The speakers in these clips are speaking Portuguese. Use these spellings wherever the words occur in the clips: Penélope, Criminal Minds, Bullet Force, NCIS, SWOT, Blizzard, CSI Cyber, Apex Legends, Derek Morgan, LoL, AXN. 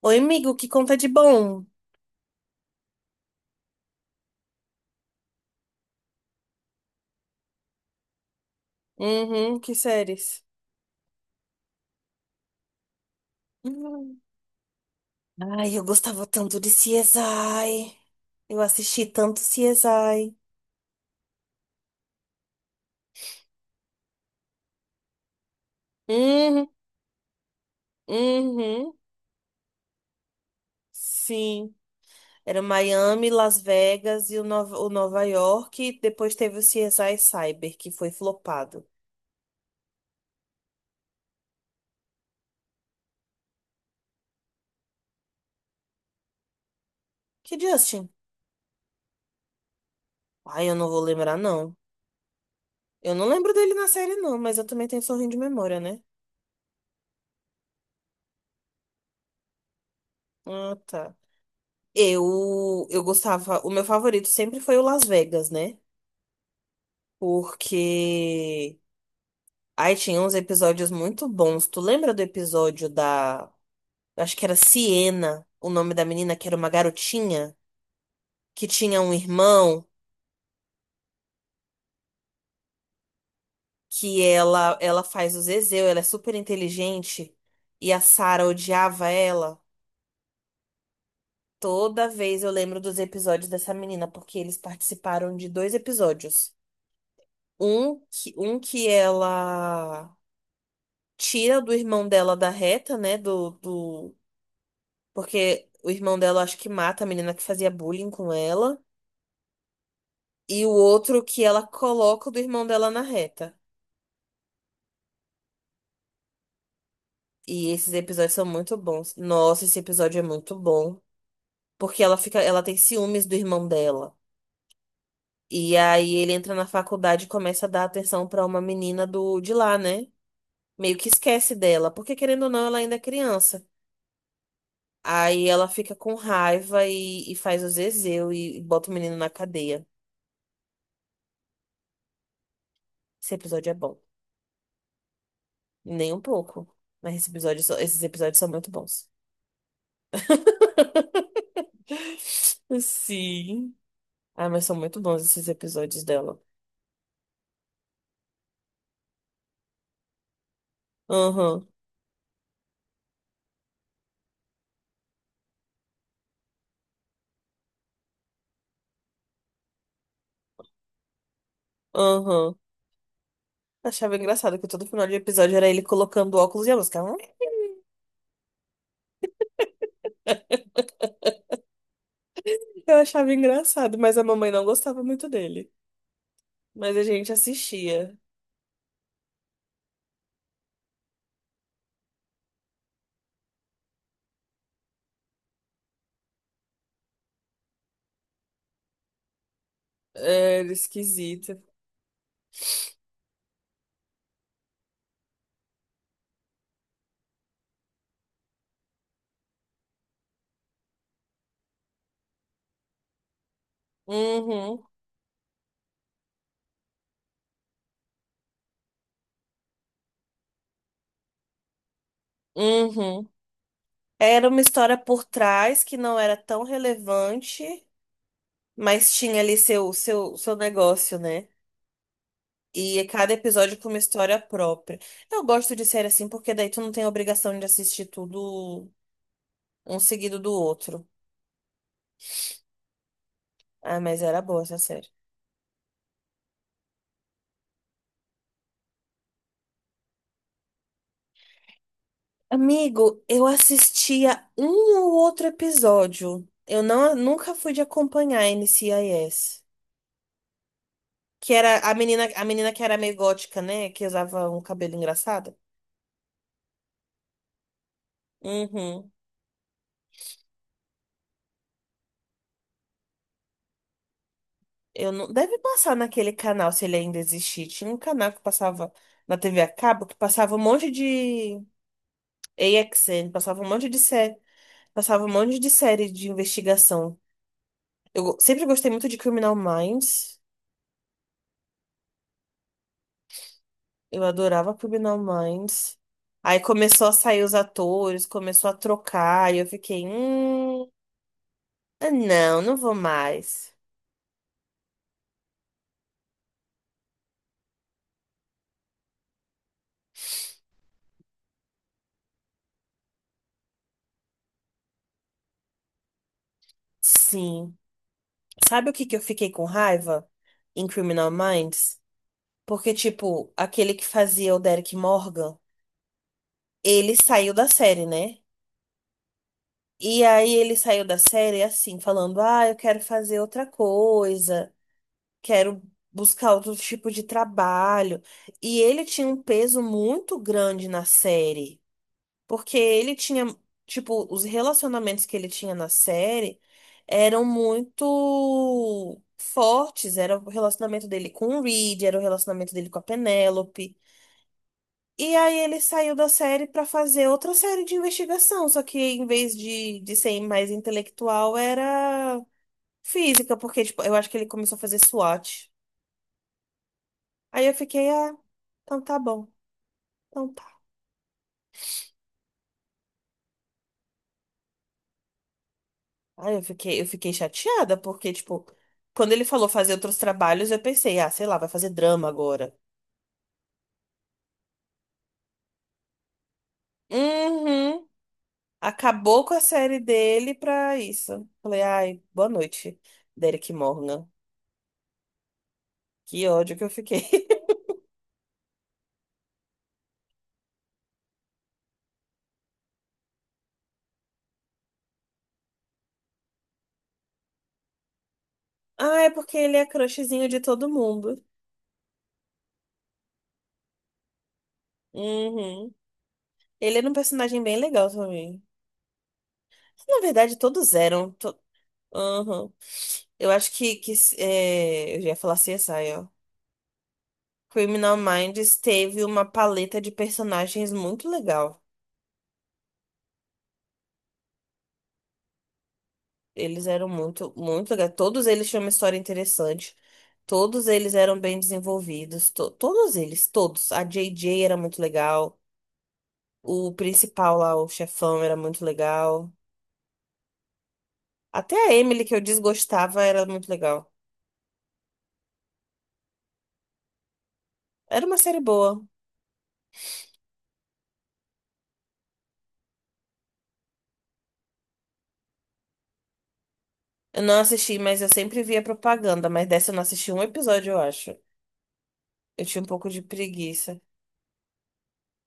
Oi, amigo, que conta de bom? Uhum, que séries? Hum. Ai, eu gostava tanto de CSI. Eu assisti tanto CSI. Uhum, uhum, sim. Era Miami, Las Vegas e o Nova York. E depois teve o CSI Cyber, que foi flopado. Que Justin? Ai, eu não vou lembrar, não. Eu não lembro dele na série, não, mas eu também tenho um sorrinho de memória, né? Ah, tá. Eu gostava. O meu favorito sempre foi o Las Vegas, né? Porque aí tinha uns episódios muito bons. Tu lembra do episódio da. Acho que era Siena, o nome da menina, que era uma garotinha, que tinha um irmão, que ela faz o Zezéu, ela é super inteligente, e a Sarah odiava ela. Toda vez eu lembro dos episódios dessa menina, porque eles participaram de dois episódios. Um que ela tira do irmão dela da reta, né? Porque o irmão dela acho que mata a menina que fazia bullying com ela. E o outro que ela coloca o do irmão dela na reta. E esses episódios são muito bons. Nossa, esse episódio é muito bom. Porque ela tem ciúmes do irmão dela. E aí ele entra na faculdade e começa a dar atenção pra uma menina do de lá, né? Meio que esquece dela, porque querendo ou não, ela ainda é criança. Aí ela fica com raiva e faz o zezéu e bota o menino na cadeia. Esse episódio é bom. Nem um pouco. Mas esses episódios são muito bons. Sim. Ah, mas são muito bons esses episódios dela. Aham, aham. Achava engraçado que todo final de episódio era ele colocando óculos e a música. Eu achava engraçado, mas a mamãe não gostava muito dele. Mas a gente assistia. Era esquisito. Uhum, uhum. Era uma história por trás que não era tão relevante, mas tinha ali seu negócio, né? E cada episódio com uma história própria. Eu gosto de série assim porque daí tu não tem a obrigação de assistir tudo um seguido do outro. Ah, mas era boa essa série. Amigo, eu assistia um ou outro episódio. Eu não, nunca fui de acompanhar a NCIS. Que era a menina que era meio gótica, né? Que usava um cabelo engraçado. Uhum. Eu não, deve passar naquele canal, se ele ainda existir. Tinha um canal que passava na TV a cabo, que passava um monte de A X N, passava um monte de série, passava um monte de série de investigação. Sempre gostei muito de Criminal Minds. Eu adorava Criminal Minds. Aí começou a sair os atores, começou a trocar, e eu fiquei, ah, não, não vou mais. Sim. Sabe o que que eu fiquei com raiva em Criminal Minds? Porque, tipo, aquele que fazia o Derek Morgan, ele saiu da série, né? E aí ele saiu da série assim, falando: "Ah, eu quero fazer outra coisa, quero buscar outro tipo de trabalho." E ele tinha um peso muito grande na série, porque ele tinha, tipo, os relacionamentos que ele tinha na série eram muito fortes. Era o relacionamento dele com o Reed, era o relacionamento dele com a Penélope. E aí ele saiu da série pra fazer outra série de investigação, só que em vez de ser mais intelectual, era física, porque tipo, eu acho que ele começou a fazer SWOT. Aí eu fiquei, ah, então tá bom, então tá. Aí eu fiquei chateada, porque, tipo, quando ele falou fazer outros trabalhos, eu pensei, ah, sei lá, vai fazer drama agora. Uhum. Acabou com a série dele pra isso. Falei, ai, boa noite, Derek Morgan. Que ódio que eu fiquei. Ah, é porque ele é crushzinho de todo mundo. Uhum. Ele era um personagem bem legal também. Na verdade, todos eram. Uhum. Eu acho que é, eu já ia falar CSI, ó. Criminal Minds teve uma paleta de personagens muito legal. Eles eram muito, muito legais. Todos eles tinham uma história interessante. Todos eles eram bem desenvolvidos. Todos eles, todos. A JJ era muito legal. O principal lá, o chefão, era muito legal. Até a Emily, que eu desgostava, era muito legal. Era uma série boa. Eu não assisti, mas eu sempre via propaganda. Mas dessa eu não assisti um episódio, eu acho. Eu tinha um pouco de preguiça.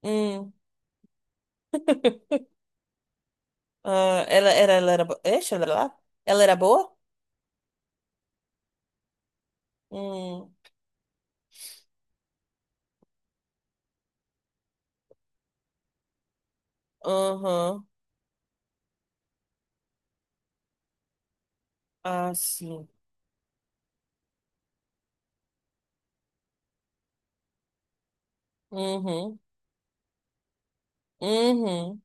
Hum. Ah, ela era boa. Ela era lá? Ela era boa? Hum. Aham. Ah, sim. Uhum. Uhum.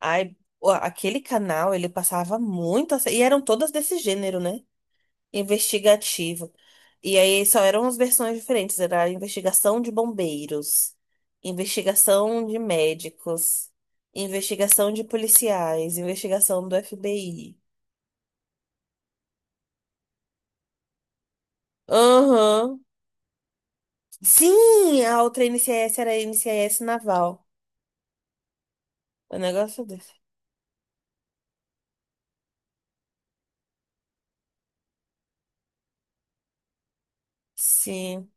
Ai, ó, aquele canal, ele passava muito. E eram todas desse gênero, né? Investigativo. E aí só eram as versões diferentes, era a investigação de bombeiros, investigação de médicos, investigação de policiais, investigação do FBI. Aham. Sim, a outra NCIS era a NCIS Naval. O negócio desse. Sim,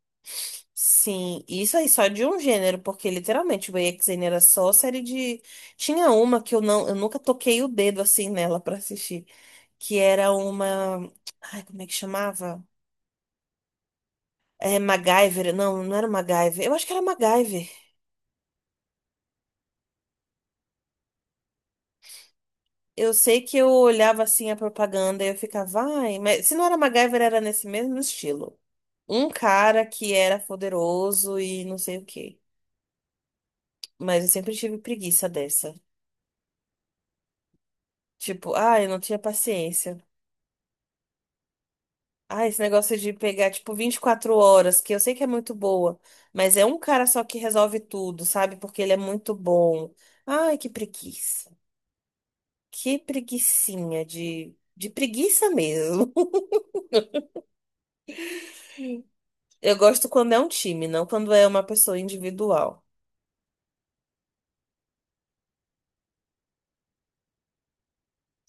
sim. Isso aí só de um gênero, porque literalmente o EXN era só série de. Tinha uma que eu não, eu nunca toquei o dedo assim nela pra assistir. Que era uma. Ai, como é que chamava? É, MacGyver. Não, não era MacGyver. Eu acho que era MacGyver. Eu sei que eu olhava assim a propaganda e eu ficava, ai, mas se não era MacGyver, era nesse mesmo estilo. Um cara que era poderoso e não sei o quê. Mas eu sempre tive preguiça dessa. Tipo, ai, eu não tinha paciência. Ah, esse negócio de pegar, tipo, 24 horas, que eu sei que é muito boa, mas é um cara só que resolve tudo, sabe? Porque ele é muito bom. Ai, que preguiça. Que preguicinha de preguiça mesmo. Eu gosto quando é um time, não quando é uma pessoa individual.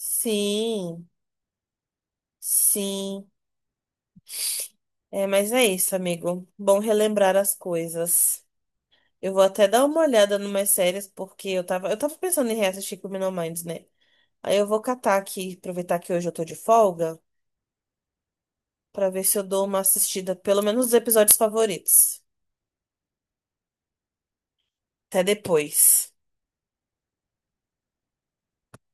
Sim, sim. É, mas é isso, amigo. Bom relembrar as coisas. Eu vou até dar uma olhada numas séries, porque eu tava pensando em reassistir Criminal Minds, né? Aí eu vou catar aqui, aproveitar que hoje eu tô de folga, pra ver se eu dou uma assistida, pelo menos os episódios favoritos. Até depois.